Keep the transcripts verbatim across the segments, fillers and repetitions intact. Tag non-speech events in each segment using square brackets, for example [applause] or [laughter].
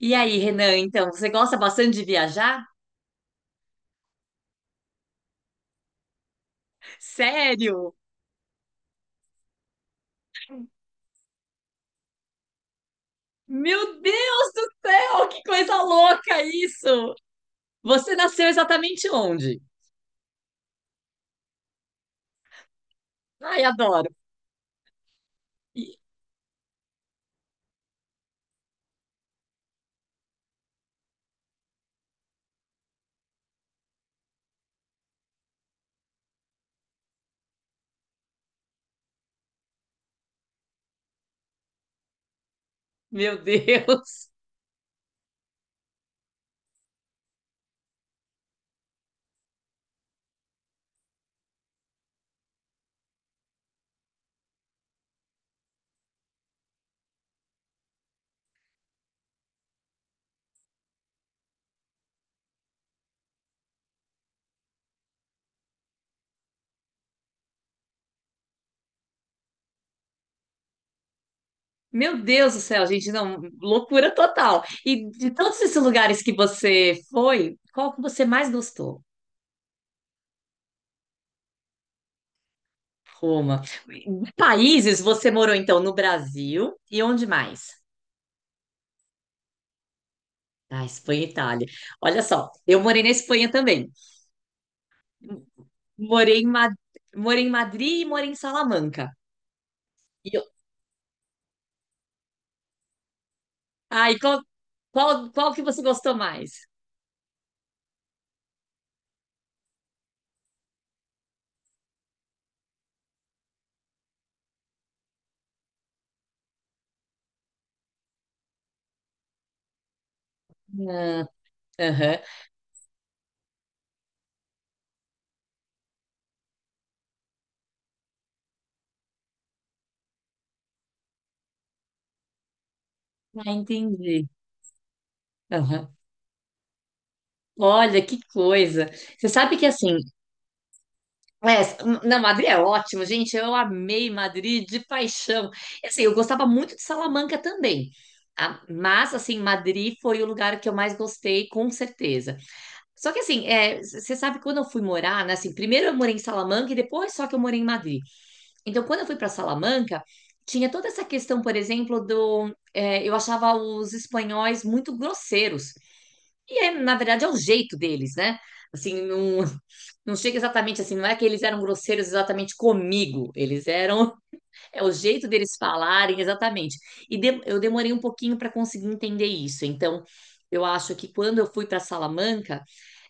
E aí, Renan, então, você gosta bastante de viajar? Sério? Meu Deus do céu, que coisa louca isso! Você nasceu exatamente onde? Ai, adoro. E- Meu Deus. Meu Deus do céu, gente, não, loucura total. E de todos esses lugares que você foi, qual que você mais gostou? Roma. De países você morou então no Brasil e onde mais? Ah, Espanha e Itália. Olha só, eu morei na Espanha também. Morei em, Ma- morei em Madrid e morei em Salamanca. E eu- Ah, e qual, qual, qual que você gostou mais? Ah, aham. Ah, entendi. Aham. Olha, que coisa. Você sabe que assim, é, na Madrid é ótimo, gente. Eu amei Madrid de paixão. E, assim, eu gostava muito de Salamanca também. Ah, mas, assim, Madrid foi o lugar que eu mais gostei, com certeza. Só que, assim, é, c- você sabe, que quando eu fui morar, né, assim, primeiro eu morei em Salamanca e depois só que eu morei em Madrid. Então, quando eu fui para Salamanca, tinha toda essa questão, por exemplo, do. É, eu achava os espanhóis muito grosseiros. E, é, na verdade, é o jeito deles, né? Assim, não, [laughs] não chega exatamente assim, não é que eles eram grosseiros exatamente comigo, eles eram. [laughs] É o jeito deles falarem, exatamente. E de- eu demorei um pouquinho para conseguir entender isso. Então, eu acho que quando eu fui para Salamanca,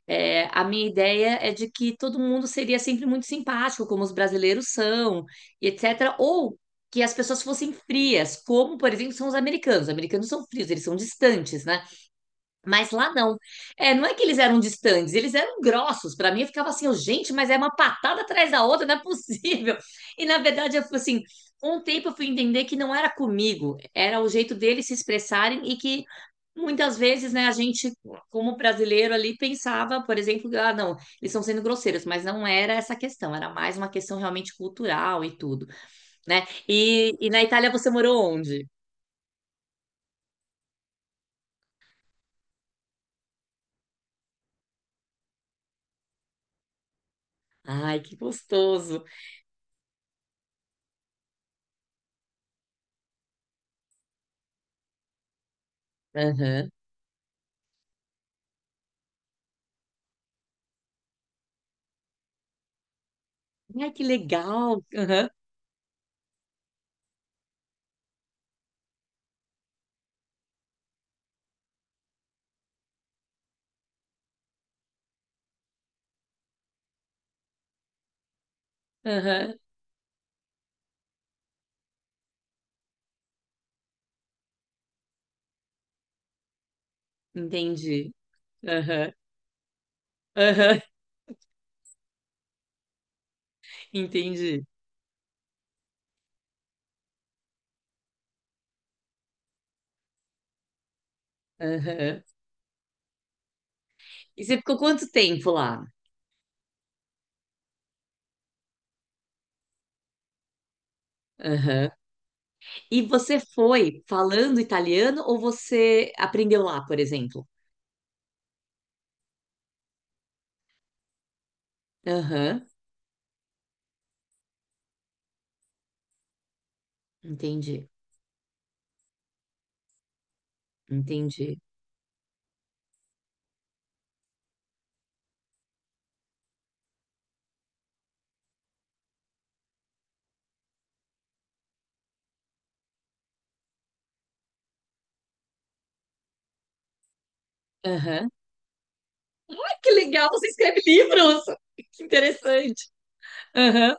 é, a minha ideia é de que todo mundo seria sempre muito simpático, como os brasileiros são, e et cetera. Ou que as pessoas fossem frias, como, por exemplo, são os americanos. Os americanos são frios, eles são distantes, né? Mas lá não. É, não é que eles eram distantes, eles eram grossos. Para mim, eu ficava assim, oh, gente, mas é uma patada atrás da outra, não é possível. [laughs] E na verdade, eu fui assim. Um tempo eu fui entender que não era comigo, era o jeito deles se expressarem e que muitas vezes, né, a gente, como brasileiro ali, pensava, por exemplo, ah, não, eles estão sendo grosseiros, mas não era essa questão, era mais uma questão realmente cultural e tudo, né? E, e na Itália você morou onde? Ai, que gostoso. Aham. Ai, que legal. Aham, aham. Entendi. Aham, aham. [laughs] Entendi. Aham. E você ficou quanto tempo lá? Aham. E você foi falando italiano ou você aprendeu lá, por exemplo? Aham. Entendi, entendi. Aham. Ah, que legal, você escreve livros! [laughs] Que interessante. Aham.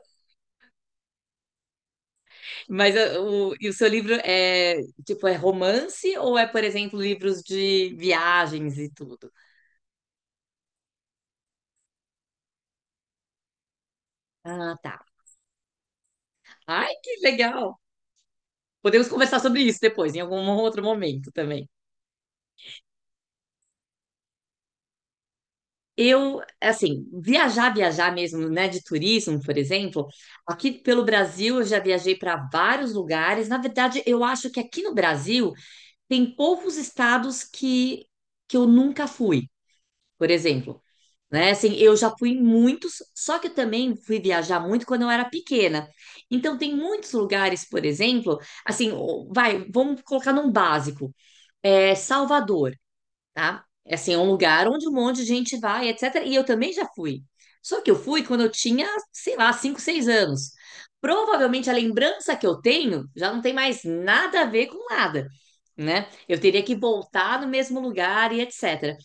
Mas ah, o, e o seu livro é, tipo, é romance ou é, por exemplo, livros de viagens e tudo? Ah, tá. Ai, que legal. Podemos conversar sobre isso depois, em algum outro momento também. Eu, assim, viajar, viajar mesmo, né, de turismo, por exemplo, aqui pelo Brasil eu já viajei para vários lugares. Na verdade, eu acho que aqui no Brasil tem poucos estados que, que eu nunca fui, por exemplo. Né? Assim, eu já fui em muitos, só que eu também fui viajar muito quando eu era pequena. Então, tem muitos lugares, por exemplo, assim, o- vai, vamos colocar num básico, é, Salvador tá? É assim, é um lugar onde um monte de gente vai, et cetera. E eu também já fui. Só que eu fui quando eu tinha, sei lá, cinco seis anos. Provavelmente a lembrança que eu tenho já não tem mais nada a ver com nada, né? Eu teria que voltar no mesmo lugar e et cetera.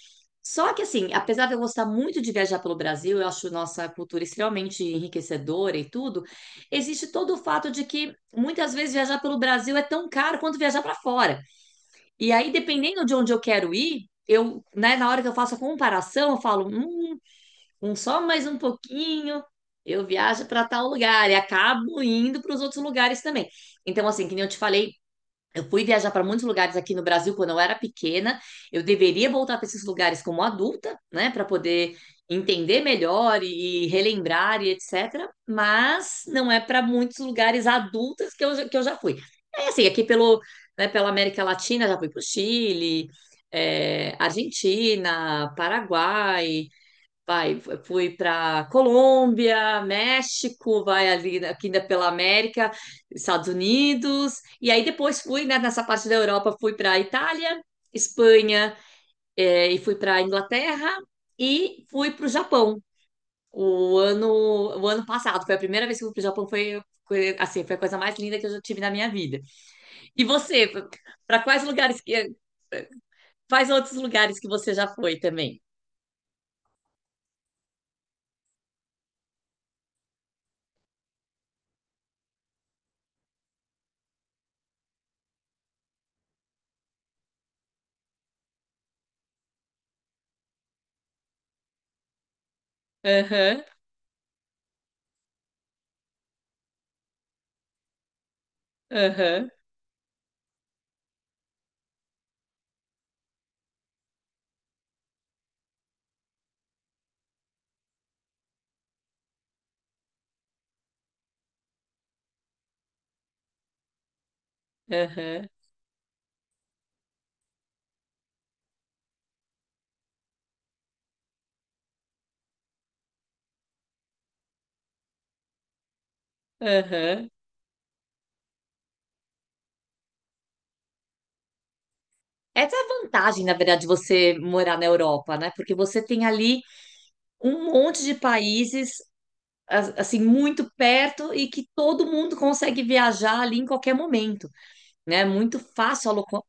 Só que assim, apesar de eu gostar muito de viajar pelo Brasil, eu acho nossa cultura extremamente enriquecedora e tudo, existe todo o fato de que muitas vezes viajar pelo Brasil é tão caro quanto viajar para fora. E aí, dependendo de onde eu quero ir, eu, né, na hora que eu faço a comparação, eu falo, hum, um só mais um pouquinho, eu viajo para tal lugar e acabo indo para os outros lugares também. Então, assim, que nem eu te falei, eu fui viajar para muitos lugares aqui no Brasil quando eu era pequena. Eu deveria voltar para esses lugares como adulta, né, para poder entender melhor e relembrar e et cetera. Mas não é para muitos lugares adultos que eu, que eu já fui. É assim, aqui pelo, né, pela América Latina, já fui para o Chile, é, Argentina, Paraguai, vai, fui para Colômbia, México, vai ali né, aqui ainda pela América, Estados Unidos, e aí depois fui, né, nessa parte da Europa, fui para Itália, Espanha, eh, e fui para Inglaterra e fui para o Japão. O ano, o ano passado foi a primeira vez que eu fui para o Japão, foi, foi, assim, foi a coisa mais linda que eu já tive na minha vida. E você, para quais lugares que, quais outros lugares que você já foi também? Aham, aham, aham, aham. Essa é a vantagem, na verdade, de você morar na Europa, né? Porque você tem ali um monte de países, as- assim, muito perto e que todo mundo consegue viajar ali em qualquer momento, né? É muito fácil alocar.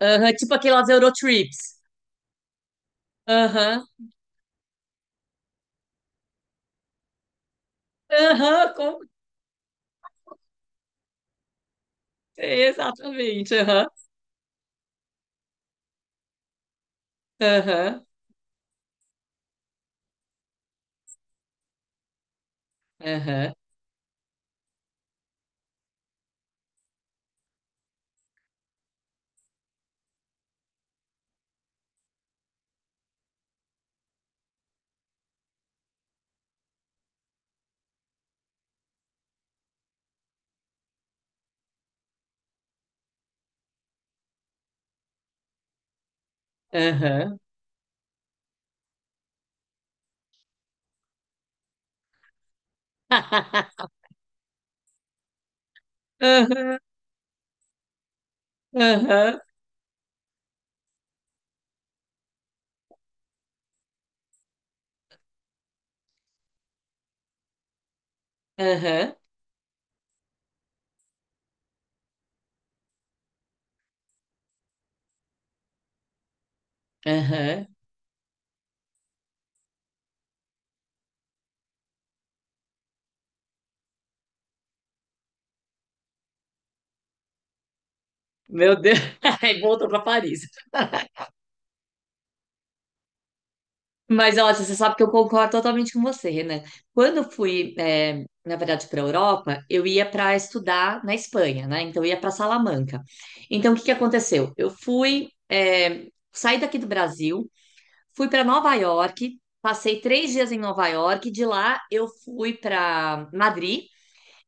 Aham, tipo aquelas Eurotrips. Aham, aham, com- exatamente, aham, aham. Aham, aham. [laughs] Aham, aham, aham, aham. Meu Deus, [laughs] aí voltou para Paris. Mas olha, você sabe que eu concordo totalmente com você, Renan. Quando eu fui, eh, na verdade, para a Europa, eu ia para estudar na Espanha, né? Então eu ia para Salamanca. Então o que que aconteceu? Eu fui, eh, saí daqui do Brasil, fui para Nova York, passei três dias em Nova York, de lá eu fui para Madrid.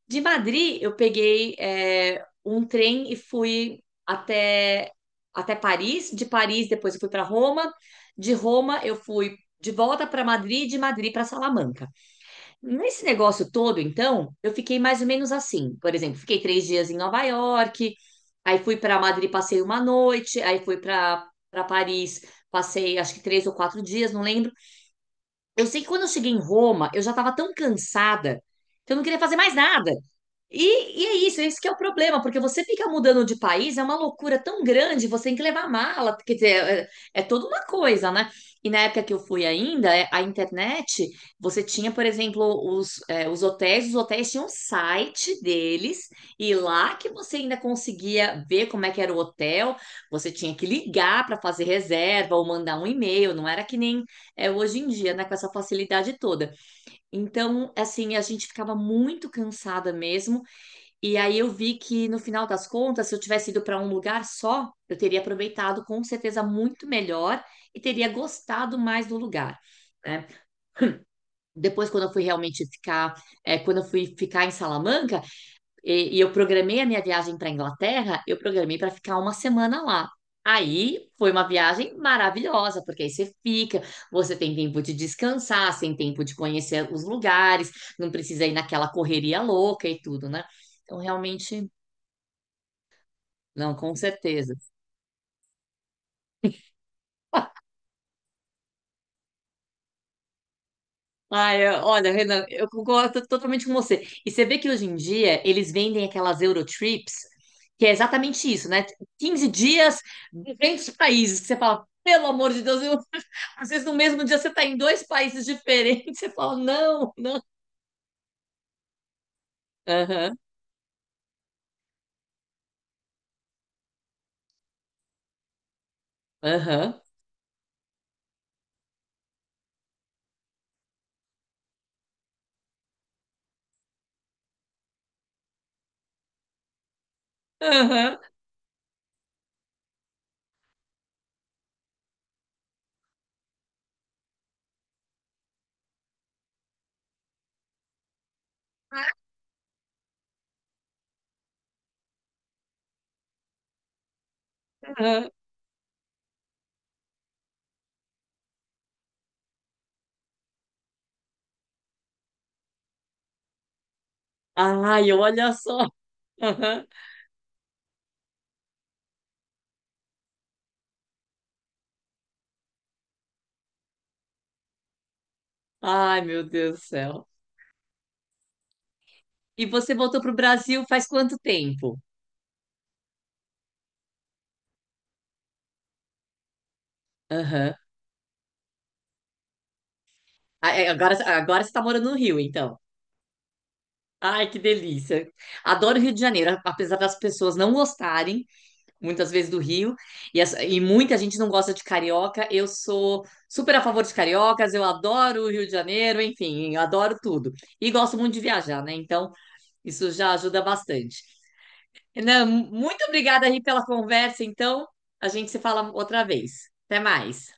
De Madrid, eu peguei é, um trem e fui até, até Paris. De Paris, depois eu fui para Roma. De Roma, eu fui de volta para Madrid, de Madrid para Salamanca. Nesse negócio todo, então, eu fiquei mais ou menos assim. Por exemplo, fiquei três dias em Nova York, aí fui para Madrid, passei uma noite, aí fui para para Paris, passei acho que três ou quatro dias, não lembro. Eu sei que quando eu cheguei em Roma, eu já estava tão cansada que eu não queria fazer mais nada. E, e é isso, esse que é o problema, porque você fica mudando de país, é uma loucura tão grande, você tem que levar mala, quer dizer, é, é toda uma coisa, né? E na época que eu fui ainda, é, a internet, você tinha, por exemplo, os, é, os hotéis, os hotéis tinham um site deles, e lá que você ainda conseguia ver como é que era o hotel, você tinha que ligar para fazer reserva ou mandar um e-mail, não era que nem é hoje em dia, né, com essa facilidade toda. Então, assim, a gente ficava muito cansada mesmo, e aí eu vi que no final das contas, se eu tivesse ido para um lugar só, eu teria aproveitado com certeza muito melhor e teria gostado mais do lugar. Né? Depois, quando eu fui realmente ficar, é, quando eu fui ficar em Salamanca e, e eu programei a minha viagem para Inglaterra, eu programei para ficar uma semana lá. Aí foi uma viagem maravilhosa, porque aí você fica, você tem tempo de descansar, você tem tempo de conhecer os lugares, não precisa ir naquela correria louca e tudo, né? Então, realmente. Não, com certeza. [laughs] Ai, eu- olha, Renan, eu concordo totalmente com você. E você vê que hoje em dia eles vendem aquelas Eurotrips, que é exatamente isso, né? Quinze dias, duzentos países. Que você fala, pelo amor de Deus, eu- [laughs] às vezes no mesmo dia você está em dois países diferentes. [laughs] Você fala, não, não. Aham, aham, aham, aham. Ai, olha só. Aham. Ai, meu Deus do céu. E você voltou para o Brasil faz quanto tempo? Aham. Ah, é, agora, agora você está morando no Rio, então. Ai, que delícia. Adoro o Rio de Janeiro, apesar das pessoas não gostarem muitas vezes do Rio, e, as- e muita gente não gosta de carioca. Eu sou super a favor de cariocas, eu adoro o Rio de Janeiro, enfim, eu adoro tudo. E gosto muito de viajar, né? Então, isso já ajuda bastante. Renan, muito obrigada aí pela conversa, então. A gente se fala outra vez. Até mais.